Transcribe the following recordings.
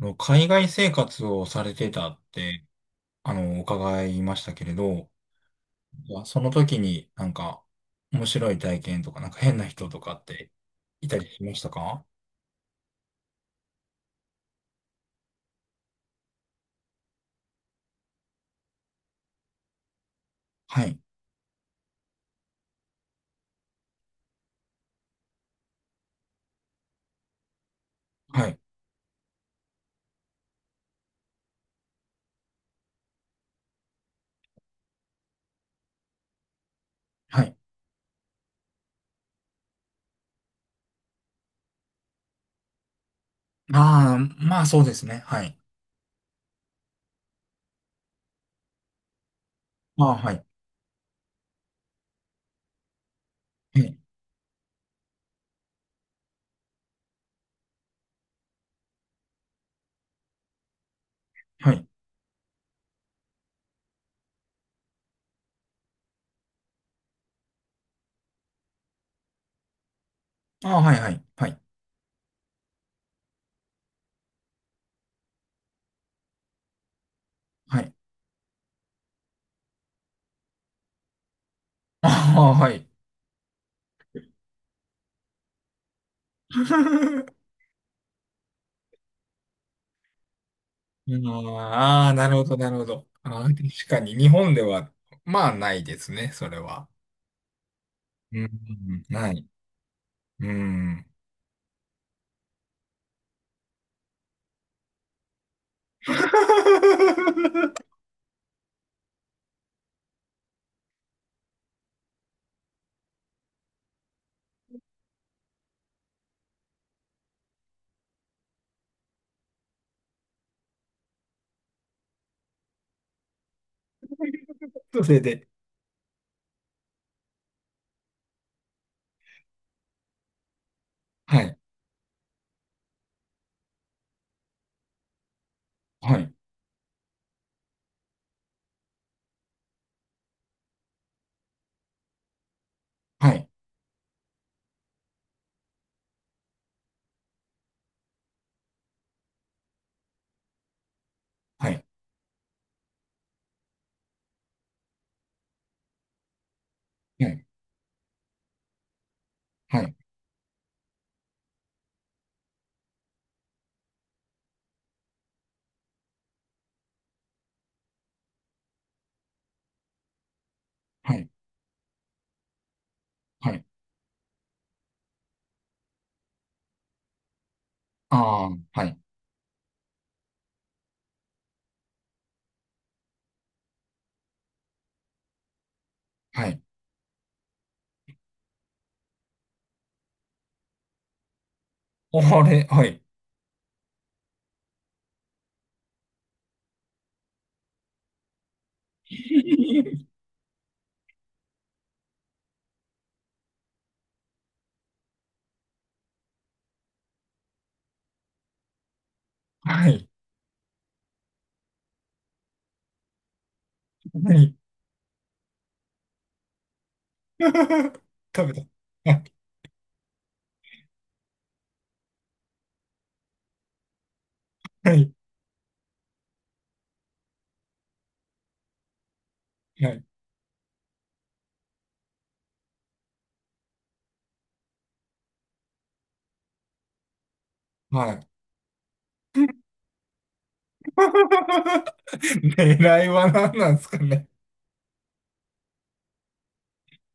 あの海外生活をされてたって、伺いましたけれど、その時になんか面白い体験とか、なんか変な人とかっていたりしましたか？はい。はい。はい。ああ、まあそうですね。はい。ああ、はい。はい。はい。ああ、はい、はい。はい。はい。ああ、はい。ああ、なるほど、なるほど。ああ、確かに日本では、まあないですね、それは。うん、ない。うん。それで。はい、はい、はい、はい、はい、はい、はい、はい、あー、はい、はい。あれ、はい。はい、はい。食べた。はい、はい、はい。はい。 狙いは何なんですかね？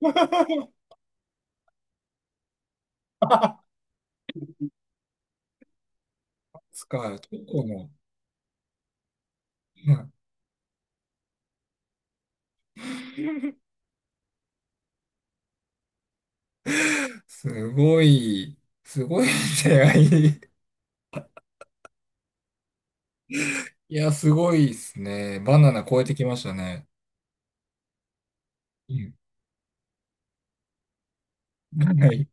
つか、チョコの。はい。 すごい、すごい出会い。いや、すごいですね。バナナ超えてきましたね。うん。ない。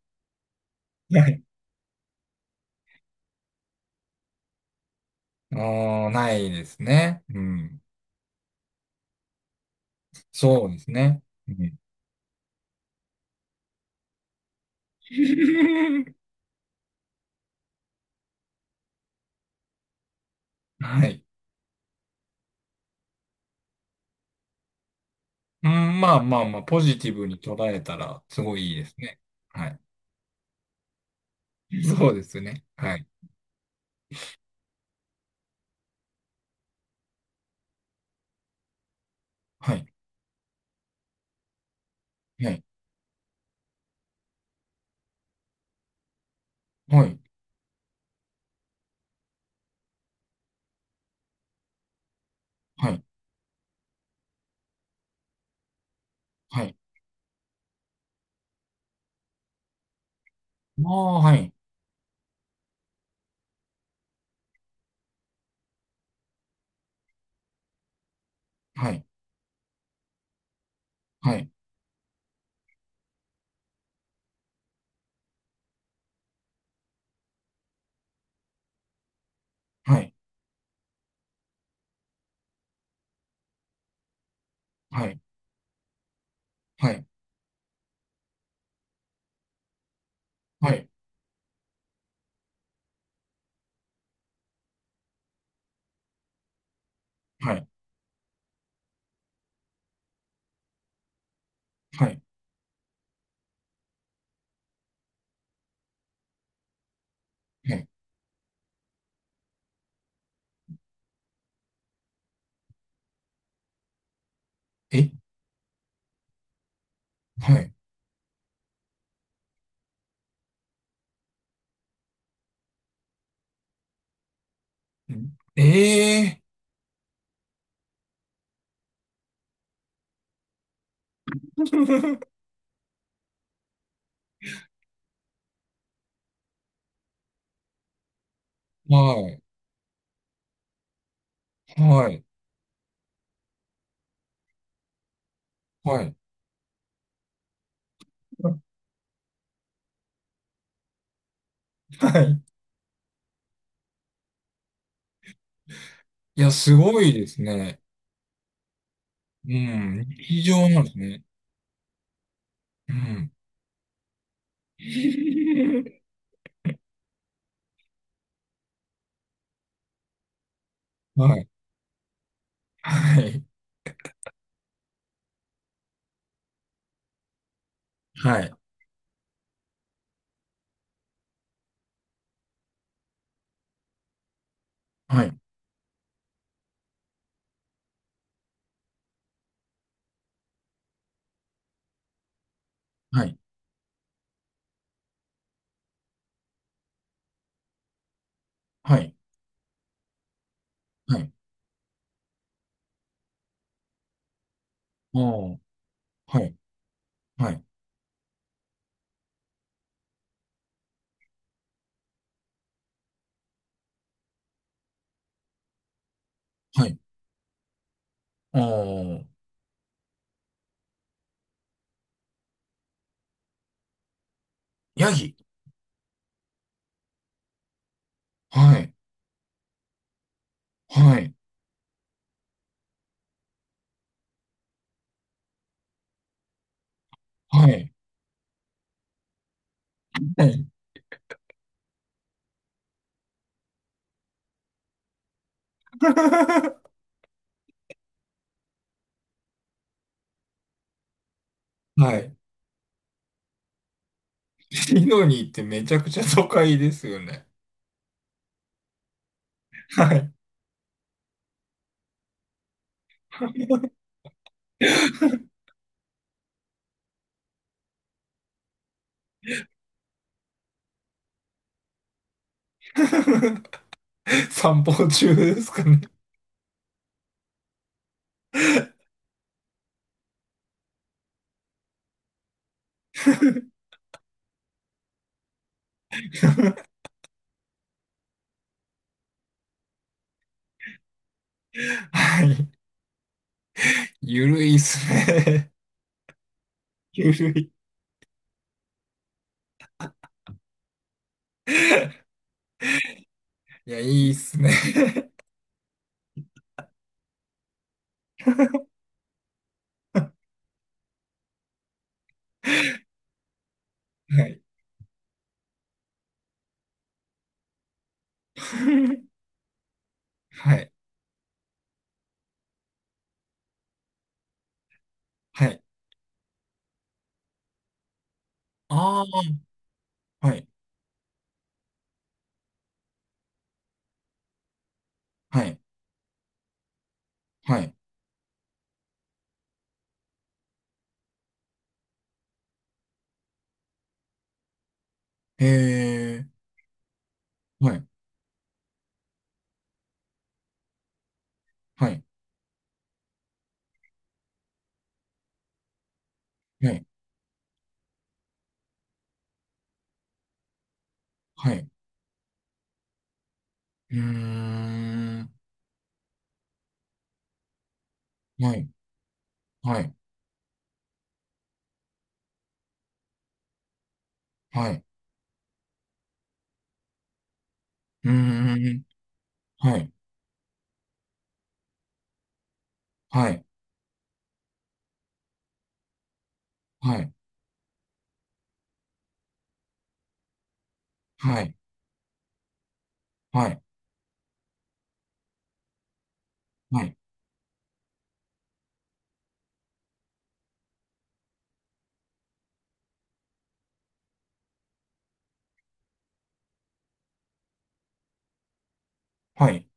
ない。あー、ないですね。うん。そうですね。うん。 はい。うん、まあまあまあ、ポジティブに捉えたら、すごいいいですね。はい。そうですね。はい。はい。はい。はい。はい。はい。まあ、あ、はい。はい。はい。はい。はい。はい。はい。はい。はい。はい。え、はい。ん、ええー。はい。はい。はい。はい。いや、すごいですね。うん。日常なんですね。うん。はい。はい。はい。はい。はい。はい。はい。あー、はい。はい。はい。あー、ヤギ。はい。はい。はい。はい。はい。シドニーってめちゃくちゃ都会ですよね？はい。散歩中ですかね？はい。ゆるいっすね。ゆるい。いや、いいっすね。はい。はい。はい。ああ、はい。はい。はい。へえ。はい。はい。はい。はい。うーん。はい。はい。はい。うーん。はい。はい。はい。はい。はい。はい。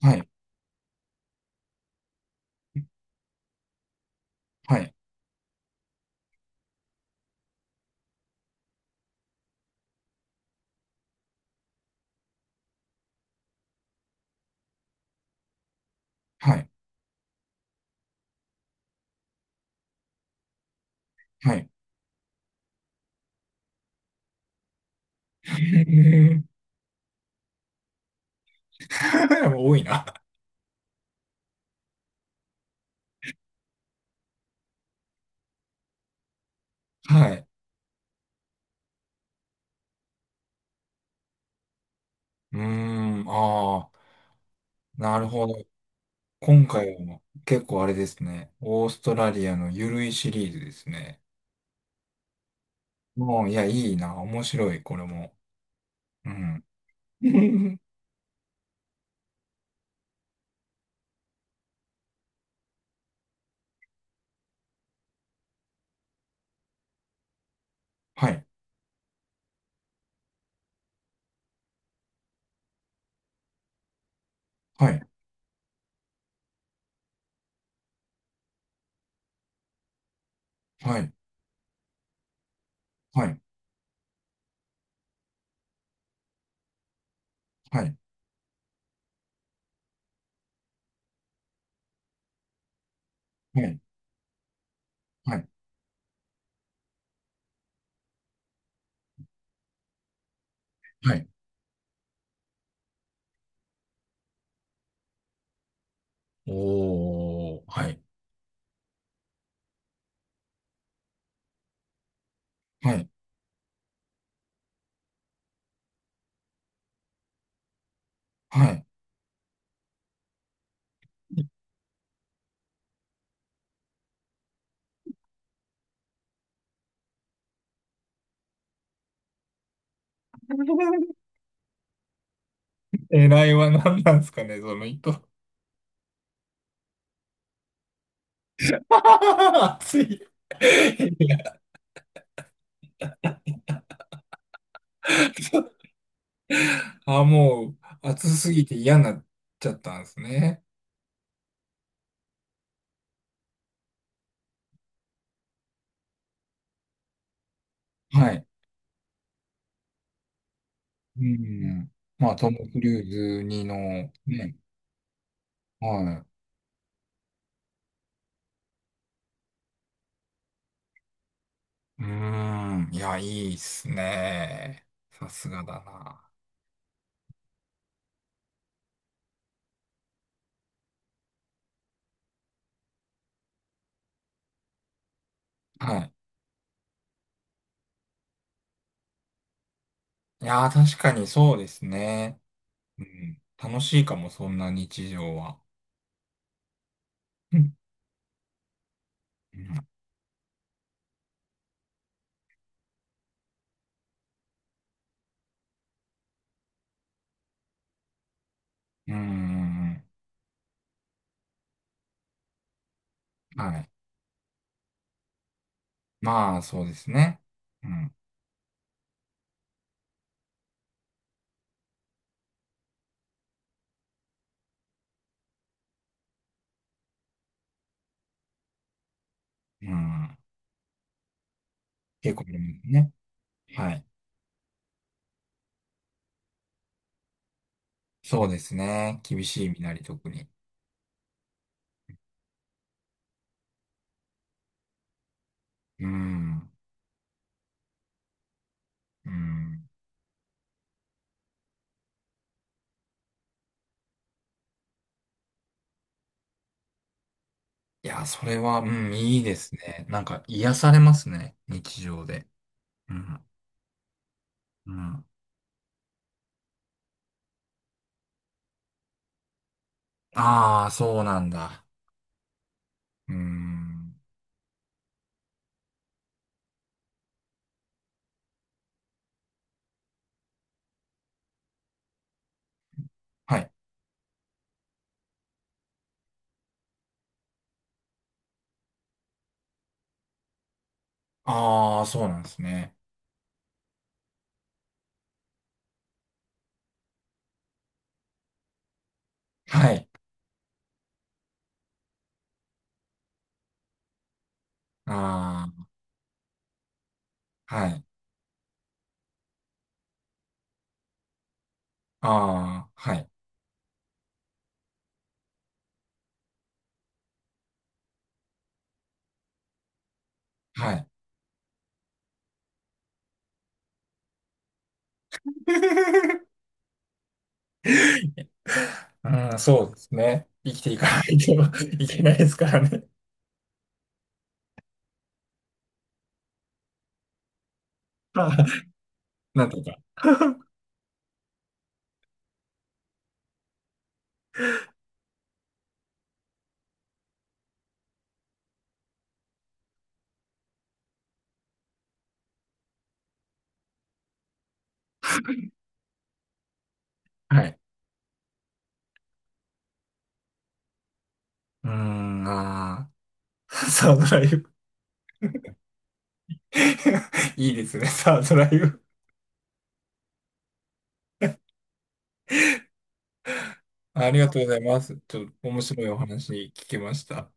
はい。はい。はい。はい。はい。へー。 多いな。はい。うーん。ああ、なるほど。今回は結構あれですね。オーストラリアのゆるいシリーズですね。もう、いや、いいな。面白い、これも。うん。はい、はい、はい、はい、はい、はい、はい、はい。おー、はい、はい、はい。狙いは何なんですかね、その糸。熱い。いや、あ、もう、熱すぎて嫌になっちゃったんですね。はい。うん。まあ、トム・クルーズ2の、ね。はい。うーん。いや、いいっすね。さすがだな。はい。いやー、確かにそうですね。うん。楽しいかも、そんな日常は。うん。うん。うんうん、はい。まあ、そうですね。うん。うん。結構ありますね。はい。そうですね。厳しい身なり、特に。うん。うん。いや、それは、うん、いいですね。なんか、癒されますね。日常で。うん。うん。ああ、そうなんだ。うん。はい。ああ、そうなんですね。はい。ああ、はい。ああ、はい。はい。うん、そうですね。生きていかないといけないですからね。まあ、なんとか。はい。うーん、ああ、サードライブ。いいですね、サードライブ。ありがとうございます。ちょっと面白いお話聞けました。